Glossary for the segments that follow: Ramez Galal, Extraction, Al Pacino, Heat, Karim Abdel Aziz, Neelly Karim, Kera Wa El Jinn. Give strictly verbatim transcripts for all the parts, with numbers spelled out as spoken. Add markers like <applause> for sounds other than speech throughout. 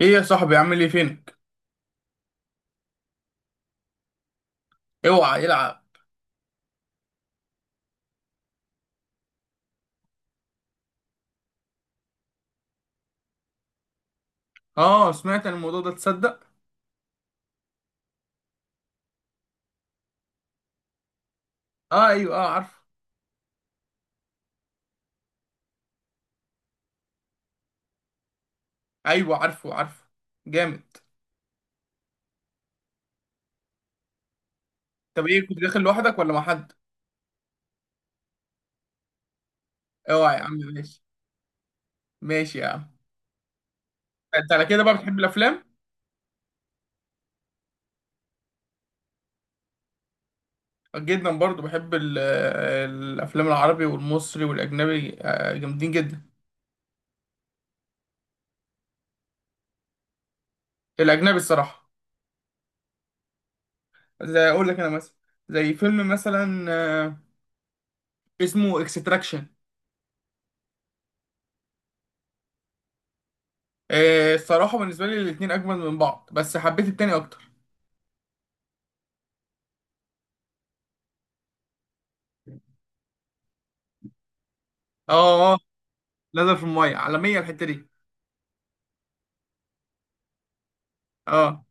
ايه يا صاحبي، عامل ايه، فينك؟ اوعى العب. اه، سمعت عن الموضوع ده، تصدق؟ اه ايوه، اه عارفه. ايوه عارفه عارفه. جامد. طب ايه، كنت داخل لوحدك ولا مع حد؟ اوعى يا عم، ماشي. ماشي يا عم. انت على كده بقى بتحب الافلام؟ جدا برضو بحب ال- الافلام العربي والمصري والاجنبي آه، جامدين جدا. الاجنبي الصراحه. زي اقول لك انا مثلا. زي فيلم مثلا آه، اسمه اكستراكشن. الصراحه بالنسبه لي الاتنين اجمل من بعض، بس حبيت التاني اكتر. اه، نزل في الميه، عالميه الحته دي. اه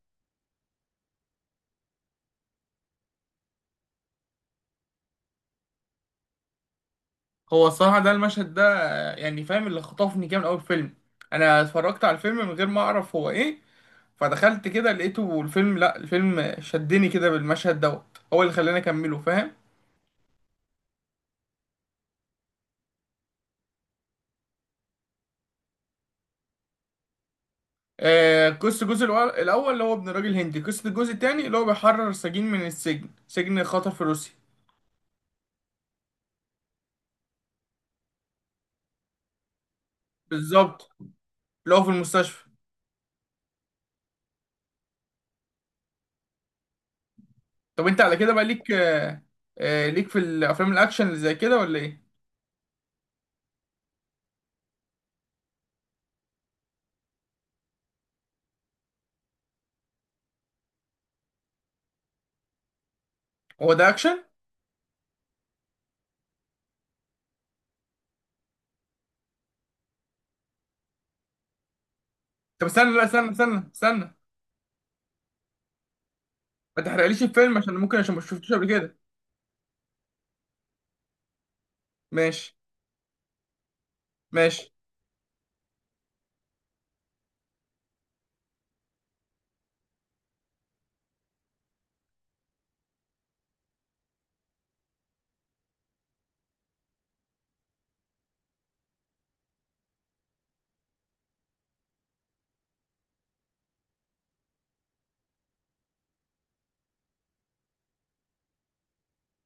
هو الصراحه ده المشهد ده آه، يعني فاهم اللي خطفني كده من اول فيلم. انا اتفرجت على الفيلم من غير ما اعرف هو ايه. فدخلت كده لقيته الفيلم، لا الفيلم شدني كده بالمشهد دوت، هو اللي خلاني اكمله فاهم. آه، قصة الجزء الأول، الأول اللي هو ابن راجل هندي. قصة الجزء التاني اللي هو بيحرر سجين من السجن، سجن خطر في روسيا. بالظبط. اللي هو في المستشفى. طب انت على كده بقى ليك آه آه ليك في الأفلام الأكشن اللي زي كده ولا ايه؟ هو ده أكشن؟ طب استنى، لا استنى استنى استنى. ما تحرقليش الفيلم عشان ممكن، عشان ما شفتوش قبل كده. ماشي. ماشي.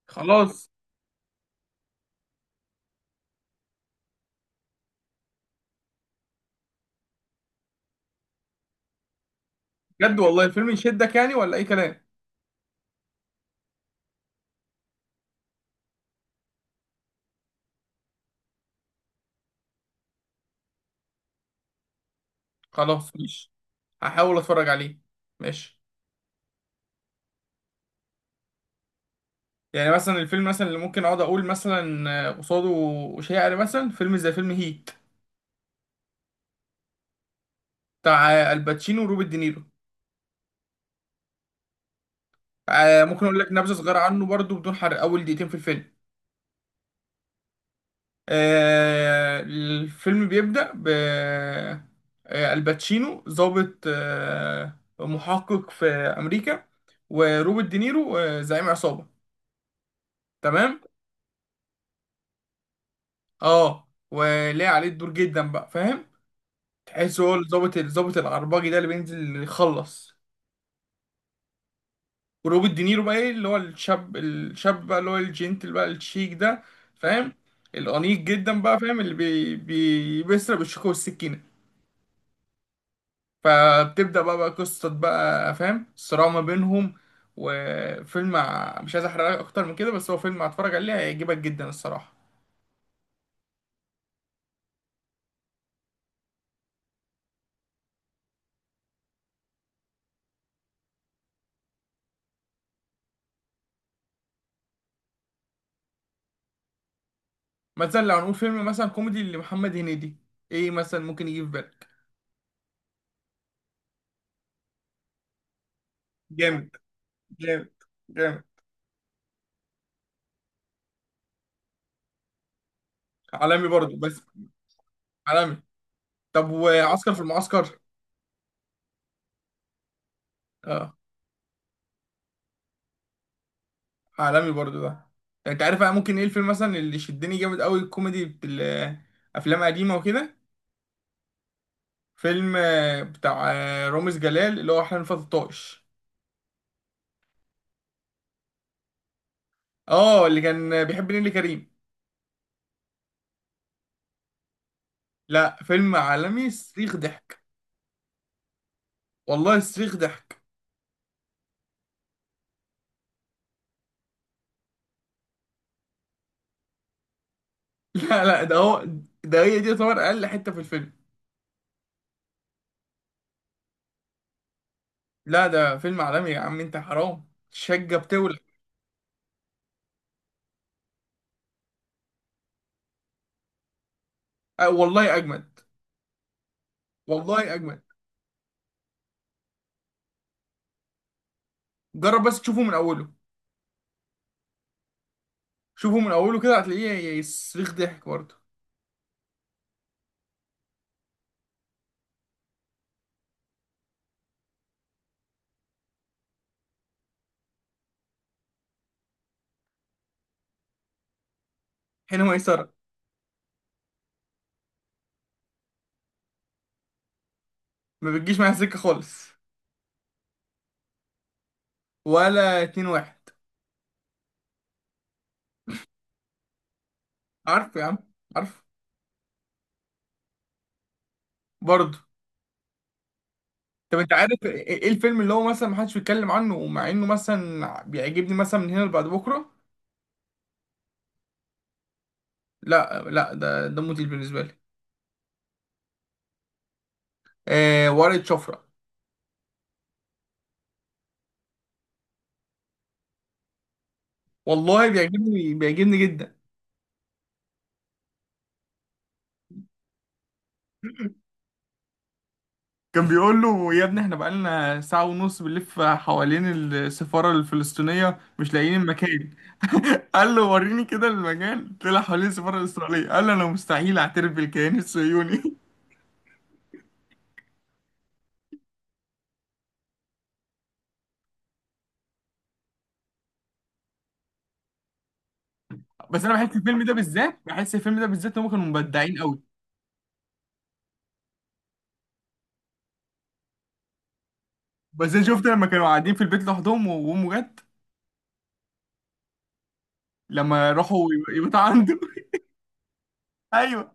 خلاص. بجد والله، الفيلم يشدك يعني ولا اي كلام؟ خلاص، ماشي. هحاول اتفرج عليه. ماشي. يعني مثلا الفيلم مثلا اللي ممكن اقعد اقول مثلا آه، قصاده شاعر، مثلا فيلم زي فيلم هيت. بتاع آه، الباتشينو وروبرت دينيرو. آه، ممكن اقول لك نبذه صغيره عنه برضو بدون حرق، اول دقيقتين في الفيلم. آه، الفيلم بيبدأ ب. آه، الباتشينو ضابط آه، محقق في أمريكا. وروبرت دينيرو آه، زعيم عصابة. تمام. اه، ولاقي عليه الدور جدا بقى، فاهم؟ تحس هو الضابط الضابط العرباجي ده اللي بينزل يخلص. وروبرت دينيرو بقى ايه، اللي هو الشاب الشاب بقى، اللي هو الجنتل بقى، الشيك ده. فاهم؟ الأنيق جدا بقى، فاهم اللي بي بي بيسرق بالشوكة والسكينة. فبتبدأ بقى بقى قصة، بقى فاهم الصراع ما بينهم. وفيلم ع- مش عايز احرق اكتر من كده، بس هو فيلم هتفرج عليه هيعجبك جدا الصراحة. مثلا لو هنقول فيلم مثلا كوميدي لمحمد هنيدي، ايه مثلا ممكن يجي في بالك؟ جامد، جامد، جامد. عالمي برضو بس. عالمي. طب وعسكر في المعسكر؟ اه، عالمي برضو ده. انت عارف بقى ممكن ايه الفيلم مثلا اللي شدني جامد قوي، الكوميدي بتاع افلام قديمة وكده؟ فيلم آه، بتاع آه، رامز جلال، اللي هو احلام فتى الطائش. اه، اللي كان بيحب نيللي كريم. لا، فيلم عالمي، صريخ ضحك. والله صريخ ضحك. <laughs> لا لا، ده هو. ده هي دي تعتبر اقل حته في الفيلم. لا ده فيلم عالمي يا عم، انت حرام، شقه بتولع. أه والله اجمد. والله اجمد. جرب بس تشوفه من اوله. شوفه من اوله كده هتلاقيه ي- ي- صريخ ضحك برضه. حين ميسره. ما بتجيش معايا سكه خالص. ولا اتنين واحد؟ عارف يا عم. عارف. برضه. طب انت عارف ايه، ايه الفيلم اللي هو مثلا محدش بيتكلم عنه ومع انه مثلا بيعجبني، مثلا من هنا لبعد بكره؟ لا لا، ده ده موديل بالنسبه لي. آه، ورقة شفرة. والله بيعجبني بيعجبني جدا. كان بيقول له: يا ابني، احنا بقالنا ساعة ونص بنلف حوالين السفارة الفلسطينية، مش لاقيين المكان. <laughs> قال له: وريني كده المكان. طلع حوالين السفارة الإسرائيلية، قال له: أنا مستحيل أعترف بالكيان الصهيوني. <laughs> بس أنا بحس الفيلم ده بالذات، بحس الفيلم ده بالذات، إن هم كانوا مبدعين أوي. بس انا شفت لما كانوا قاعدين في البيت لوحدهم وامه جت. لما راحوا يبقوا عنده. <laughs> ايوه.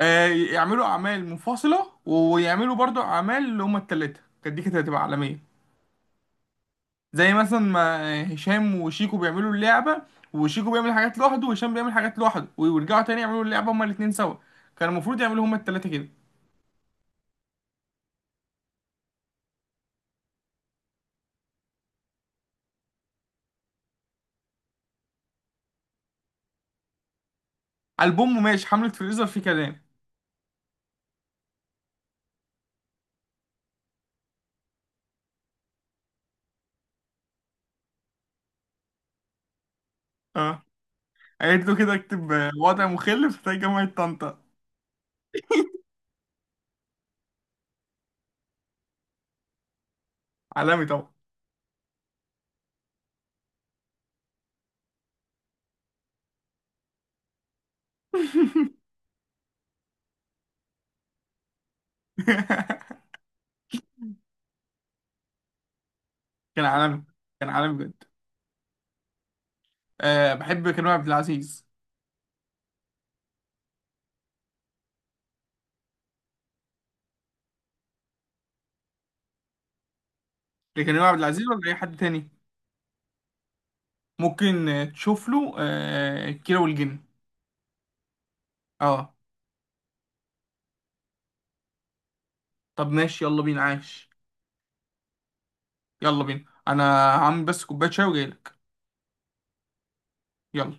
آه. يعملوا اعمال منفصله ويعملوا برضو اعمال اللي هما التلاته، كانت دي كانت هتبقى عالميه. زي مثلا ما هشام وشيكو بيعملوا اللعبه. وشيكو بيعمل حاجات لوحده، وهشام بيعمل حاجات لوحده، ويرجعوا تاني يعملوا اللعبه هما الاتنين سوا. كان المفروض يعملوا هما التلاته كده. البوم ماشي، حمله فريزر في كلام. اه، قالت له كده: اكتب آه، وضع مخل في جامعه طنطا. عالمي طبعا. <laughs> كان عالمي. كان عالمي بجد. أه، بحب كريم عبد العزيز. لكريم عبد العزيز ولا أي حد تاني؟ ممكن آه، تشوف له أه كيرة والجن. اه. طب ماشي، يلا بينا، عاش. يلا بينا أنا. هعمل بس كوباية شاي وجايلك. يلا.